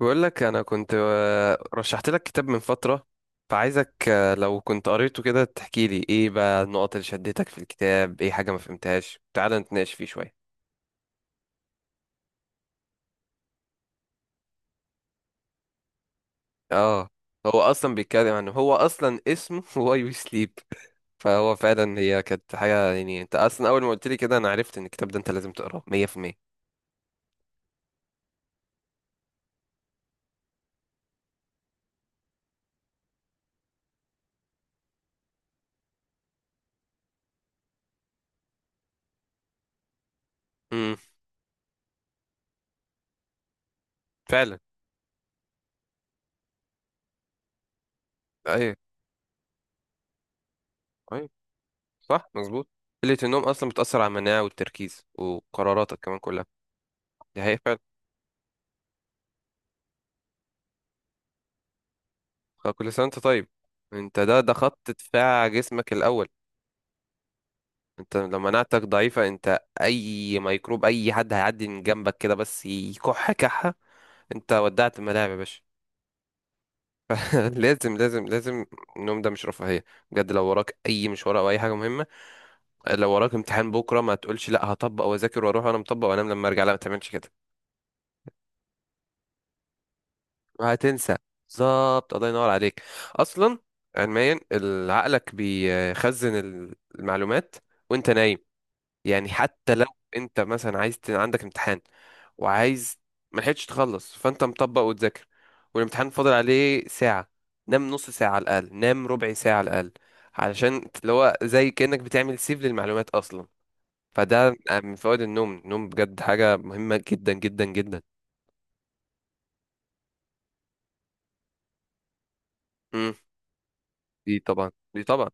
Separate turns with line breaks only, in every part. بقول لك انا كنت رشحت لك كتاب من فترة. فعايزك لو كنت قريته كده تحكي لي ايه بقى النقط اللي شدتك في الكتاب، ايه حاجة ما فهمتهاش، تعال نتناقش فيه شوية. اه، هو اصلا بيتكلم عن، هو اصلا اسمه واي وي سليب. فهو فعلا هي كانت حاجة، يعني انت اصلا اول ما قلت لي كده انا عرفت ان الكتاب ده انت لازم تقراه. 100%. امم. فعلا. ايوه، ايوه، صح، مظبوط. قلة النوم اصلا بتأثر على المناعة والتركيز وقراراتك كمان كلها. دي حقيقة. كل سنة وانت طيب. انت، ده خط دفاع جسمك الأول. انت لو مناعتك ضعيفة، انت أي ميكروب أي حد هيعدي من جنبك كده بس يكح كحة انت ودعت الملاعب يا باشا. لازم، لازم، لازم. النوم ده مش رفاهية، بجد، لو وراك أي مشوار أو أي حاجة مهمة. لو وراك امتحان بكرة، ما تقولش لا هطبق وأذاكر وأروح وأنا مطبق وأنام لما أرجع. لا، ما تعملش كده. وهتنسى. بالظبط. الله ينور عليك. أصلا علميا عقلك بيخزن المعلومات وانت نايم. يعني حتى لو انت مثلا عايز عندك امتحان، وعايز، ما لحقتش تخلص، فانت مطبق وتذاكر، والامتحان فاضل عليه ساعة، نام نص ساعة على الأقل، نام ربع ساعة على الأقل، علشان اللي هو زي كأنك بتعمل سيف للمعلومات أصلا. فده من فوائد النوم. النوم بجد حاجة مهمة جدا جدا جدا. مم. دي طبعا، دي طبعا.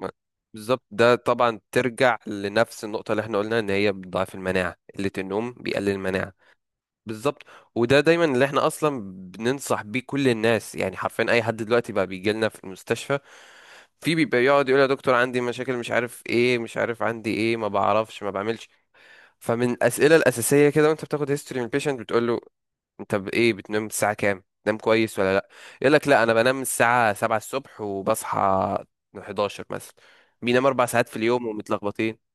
ما- بالظبط، ده طبعا ترجع لنفس النقطة اللي احنا قلنا ان هي بتضعف المناعة. قلة النوم بيقلل المناعة. بالظبط. وده دايما اللي احنا اصلا بننصح بيه كل الناس. يعني حرفيا اي حد دلوقتي بقى بيجي لنا في المستشفى، في بيبقى يقعد يقول يا دكتور عندي مشاكل مش عارف ايه، مش عارف عندي ايه، ما بعرفش، ما بعملش. فمن الاسئله الاساسيه كده وانت بتاخد هيستوري من البيشنت بتقول له، انت ايه، بتنام الساعه كام؟ نام كويس ولا لا؟ يقول لك لا، انا بنام الساعه 7 الصبح وبصحى 11 مثلا. بينام 4 ساعات في اليوم ومتلخبطين.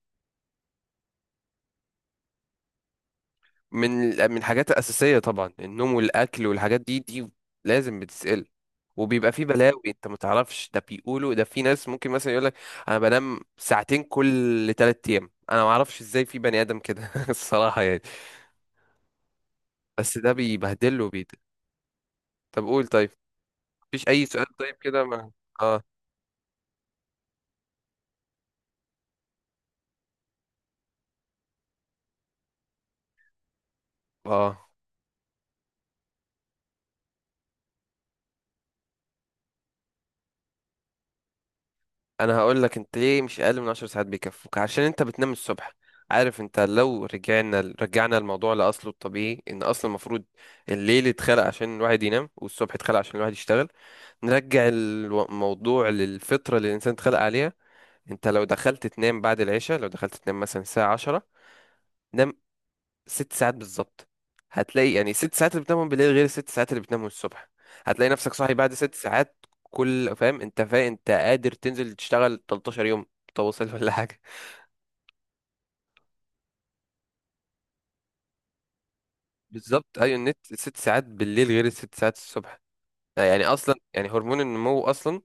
من من الحاجات الأساسية طبعا النوم والأكل، والحاجات دي، دي لازم بتسأل. وبيبقى في بلاوي انت ما تعرفش، ده بيقولوا، ده في ناس ممكن مثلا يقولك انا بنام ساعتين كل 3 ايام، انا ما اعرفش ازاي في بني ادم كده الصراحة يعني. بس ده بيبهدله بيت. طب قول. طيب. مفيش اي سؤال طيب كده؟ ما اه، اه، انا هقول لك. انت ليه مش اقل من 10 ساعات بيكفوك؟ عشان انت بتنام الصبح. عارف، انت لو رجعنا الموضوع لاصله الطبيعي، ان اصلا المفروض الليل اتخلق عشان الواحد ينام، والصبح اتخلق عشان الواحد يشتغل. نرجع الموضوع للفطرة اللي الانسان اتخلق عليها. انت لو دخلت تنام بعد العشاء، لو دخلت تنام مثلا الساعة 10، نام 6 ساعات بالظبط، هتلاقي يعني ست ساعات اللي بتنامهم بالليل غير الست ساعات اللي بتنامهم الصبح. هتلاقي نفسك صاحي بعد ست ساعات. كل فاهم، انت فاهم، انت قادر تنزل تشتغل 13 يوم متواصل ولا حاجة. بالظبط، ايوه، النت ست ساعات بالليل غير الست ساعات الصبح. يعني اصلا يعني هرمون النمو اصلا،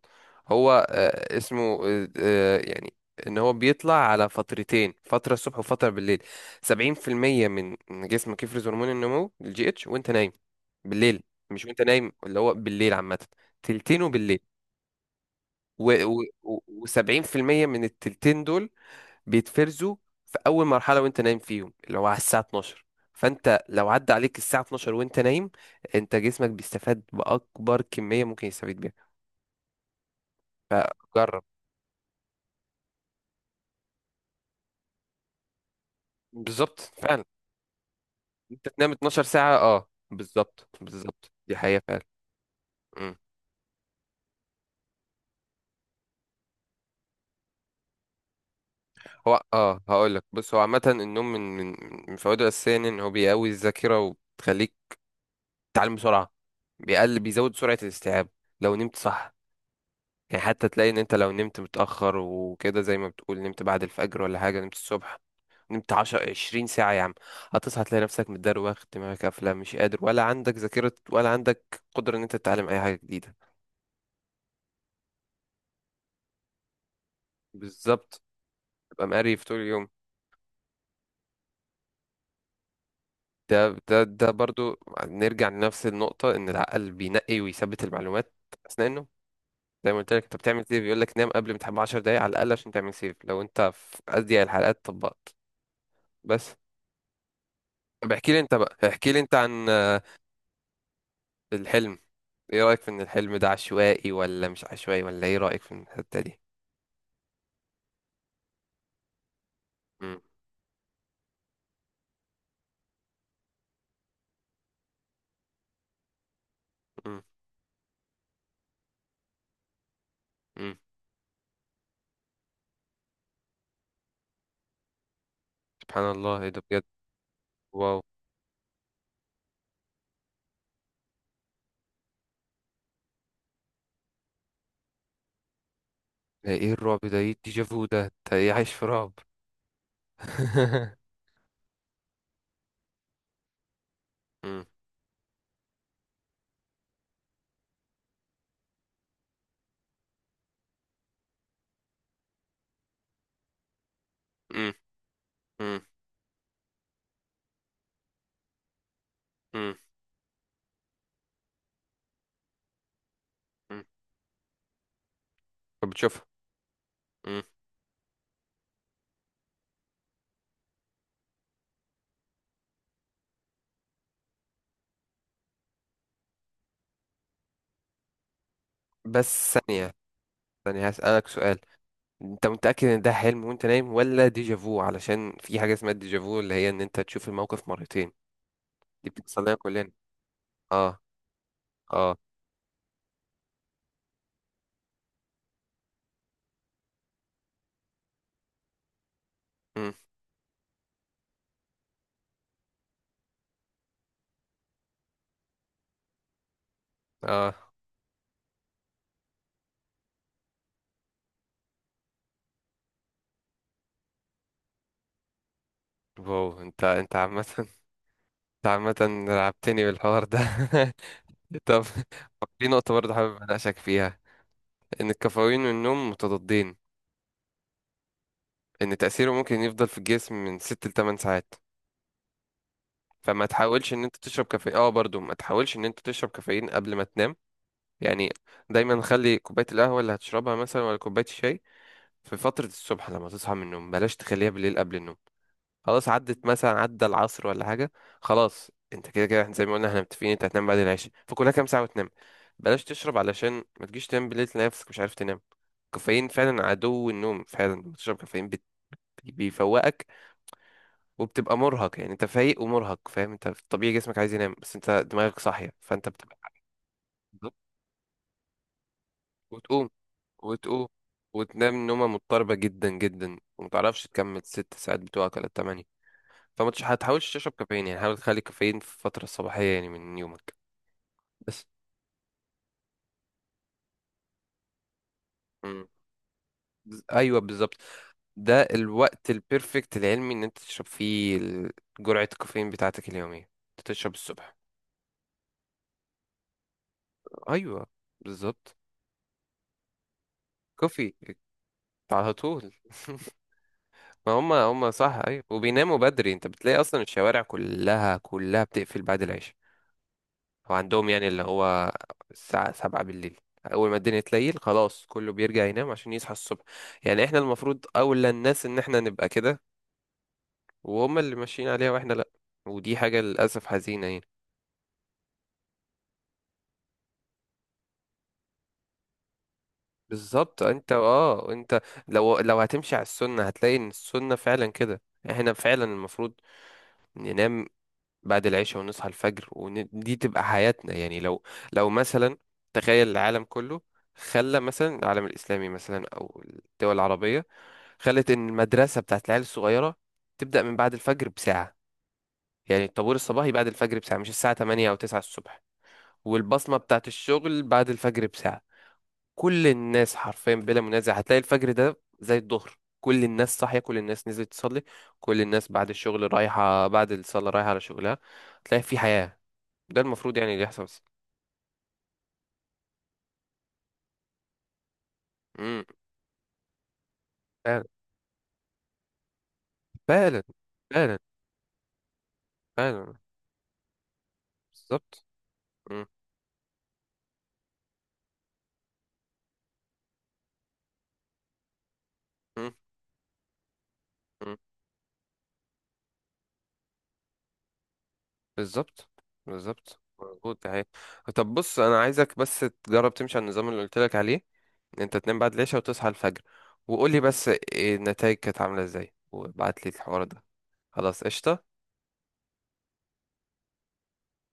هو اسمه، يعني، ان هو بيطلع على فترتين، فتره الصبح وفتره بالليل. 70% من جسمك يفرز هرمون النمو الجي اتش وانت نايم بالليل. مش وانت نايم، اللي هو بالليل عامه، تلتينه بالليل. و70% من التلتين دول بيتفرزوا في اول مرحله وانت نايم فيهم، اللي هو على الساعه 12. فانت لو عدى عليك الساعه 12 وانت نايم، انت جسمك بيستفاد باكبر كميه ممكن يستفيد بيها. جرب. بالظبط، فعلا. انت تنام 12 ساعة، اه، بالظبط، بالظبط، دي حقيقة فعلا. مم. هو هقول لك، بص، هو عامة النوم من فوائده الأساسية، يعني ان هو بيقوي الذاكرة وبتخليك تتعلم بسرعة، بيزود سرعة الاستيعاب لو نمت صح. يعني حتى تلاقي ان انت لو نمت متأخر وكده، زي ما بتقول نمت بعد الفجر ولا حاجة، نمت الصبح، نمت 10 20 ساعة يا عم، هتصحى تلاقي نفسك متدروخ، دماغك قافلة، مش قادر، ولا عندك ذاكرة ولا عندك قدرة ان انت تتعلم اي حاجة جديدة. بالظبط، ببقى مقريف طول اليوم. ده برضو نرجع لنفس النقطة، إن العقل بينقي ويثبت المعلومات أثناء النوم. زي ما قلت لك، أنت بتعمل سيف. يقول لك نام قبل ما تحب 10 دقايق على الأقل عشان تعمل سيف لو أنت في أضيق الحلقات طبقت. بس طب احكي لي أنت بقى، احكي لي أنت عن، الحلم. إيه رأيك في إن الحلم ده عشوائي ولا مش عشوائي؟ ولا إيه رأيك في الحتة دي؟ مم. مم. مم. سبحان الله، إيه ده؟ بجد؟ واو. إيه الرعب ده؟ إيه الديجافو ده؟ أنت إيه، عايش في رعب؟ مم. مم. مم. مم. مم. فبتشوفها. مم. بس ثانية، ثانية هسألك سؤال. انت متأكد ان ده حلم وانت نايم ولا ديجافو؟ علشان في حاجة اسمها الديجافو اللي هي ان انت تشوف الموقف مرتين. دي بتحصل لنا كلنا. اه. اه. مم. اه. واو. انت عامة انت عامة لعبتني بالحوار ده. طب، في نقطة برضه حابب اناقشك فيها، ان الكافيين والنوم متضادين. ان تأثيره ممكن يفضل في الجسم من 6 ل 8 ساعات. فما تحاولش ان انت تشرب كافيين، برضه ما تحاولش ان انت تشرب كافيين قبل ما تنام. يعني دايما خلي كوباية القهوة اللي هتشربها مثلا ولا كوباية الشاي في فترة الصبح لما تصحى من النوم، بلاش تخليها بالليل قبل النوم. خلاص عدت مثلا، عدى العصر ولا حاجة، خلاص انت كده كده، احنا زي ما قلنا احنا متفقين انت هتنام بعد العشاء، فكلها كام ساعة وتنام، بلاش تشرب علشان ما تجيش تنام بالليل تلاقي نفسك مش عارف تنام. الكافيين فعلا عدو النوم. فعلا لما تشرب كافيين بيفوقك وبتبقى مرهق. يعني انت فايق ومرهق، فاهم، انت في الطبيعي جسمك عايز ينام بس انت دماغك صاحية، فانت بتبقى وتقوم، وتقوم، وتنام نومة مضطربة جدا جدا، ومتعرفش تكمل ست ساعات بتوعك ولا التمانية. هتحاولش تشرب كافيين. يعني حاول تخلي الكافيين في الفترة الصباحية يعني من يومك بس. مم. أيوة، بالظبط، ده الوقت البيرفكت العلمي إن أنت تشرب فيه جرعة الكافيين بتاعتك اليومية. أنت تشرب الصبح. أيوة، بالظبط. كوفي على طول. ما هم صح، أيوة، وبيناموا بدري. أنت بتلاقي أصلا الشوارع كلها كلها بتقفل بعد العشاء، وعندهم يعني اللي هو الساعة 7 بالليل أول ما الدنيا تليل خلاص كله بيرجع ينام عشان يصحى الصبح. يعني احنا المفروض أولى الناس إن احنا نبقى كده، وهم اللي ماشيين عليها واحنا لأ، ودي حاجة للأسف حزينة يعني. بالظبط، انت لو هتمشي على السنة هتلاقي ان السنة فعلا كده. احنا فعلا المفروض ننام بعد العشاء ونصحى الفجر، ودي تبقى حياتنا. يعني لو مثلا، تخيل العالم كله، خلى مثلا العالم الإسلامي مثلا أو الدول العربية خلت إن المدرسة بتاعت العيال الصغيرة تبدأ من بعد الفجر بساعة، يعني الطابور الصباحي بعد الفجر بساعة مش الساعة 8 أو 9 الصبح، والبصمة بتاعت الشغل بعد الفجر بساعة، كل الناس حرفيا بلا منازع هتلاقي الفجر ده زي الظهر، كل الناس صاحية، كل الناس نزلت تصلي، كل الناس بعد الشغل رايحة، بعد الصلاة رايحة على شغلها، تلاقي في حياة. ده المفروض يعني اللي يحصل بس. امم. فعلا، فعلا، فعلا، فعلا. بالظبط. مم. مم. مم. بالظبط، بالظبط، مظبوط، ده حقيقي. طب بص، انا عايزك بس تجرب تمشي على النظام اللي قلت لك عليه، ان انت تنام بعد العشاء وتصحى الفجر. وقول لي بس إيه النتائج كانت عامله ازاي، وابعت لي الحوار ده. خلاص قشطه.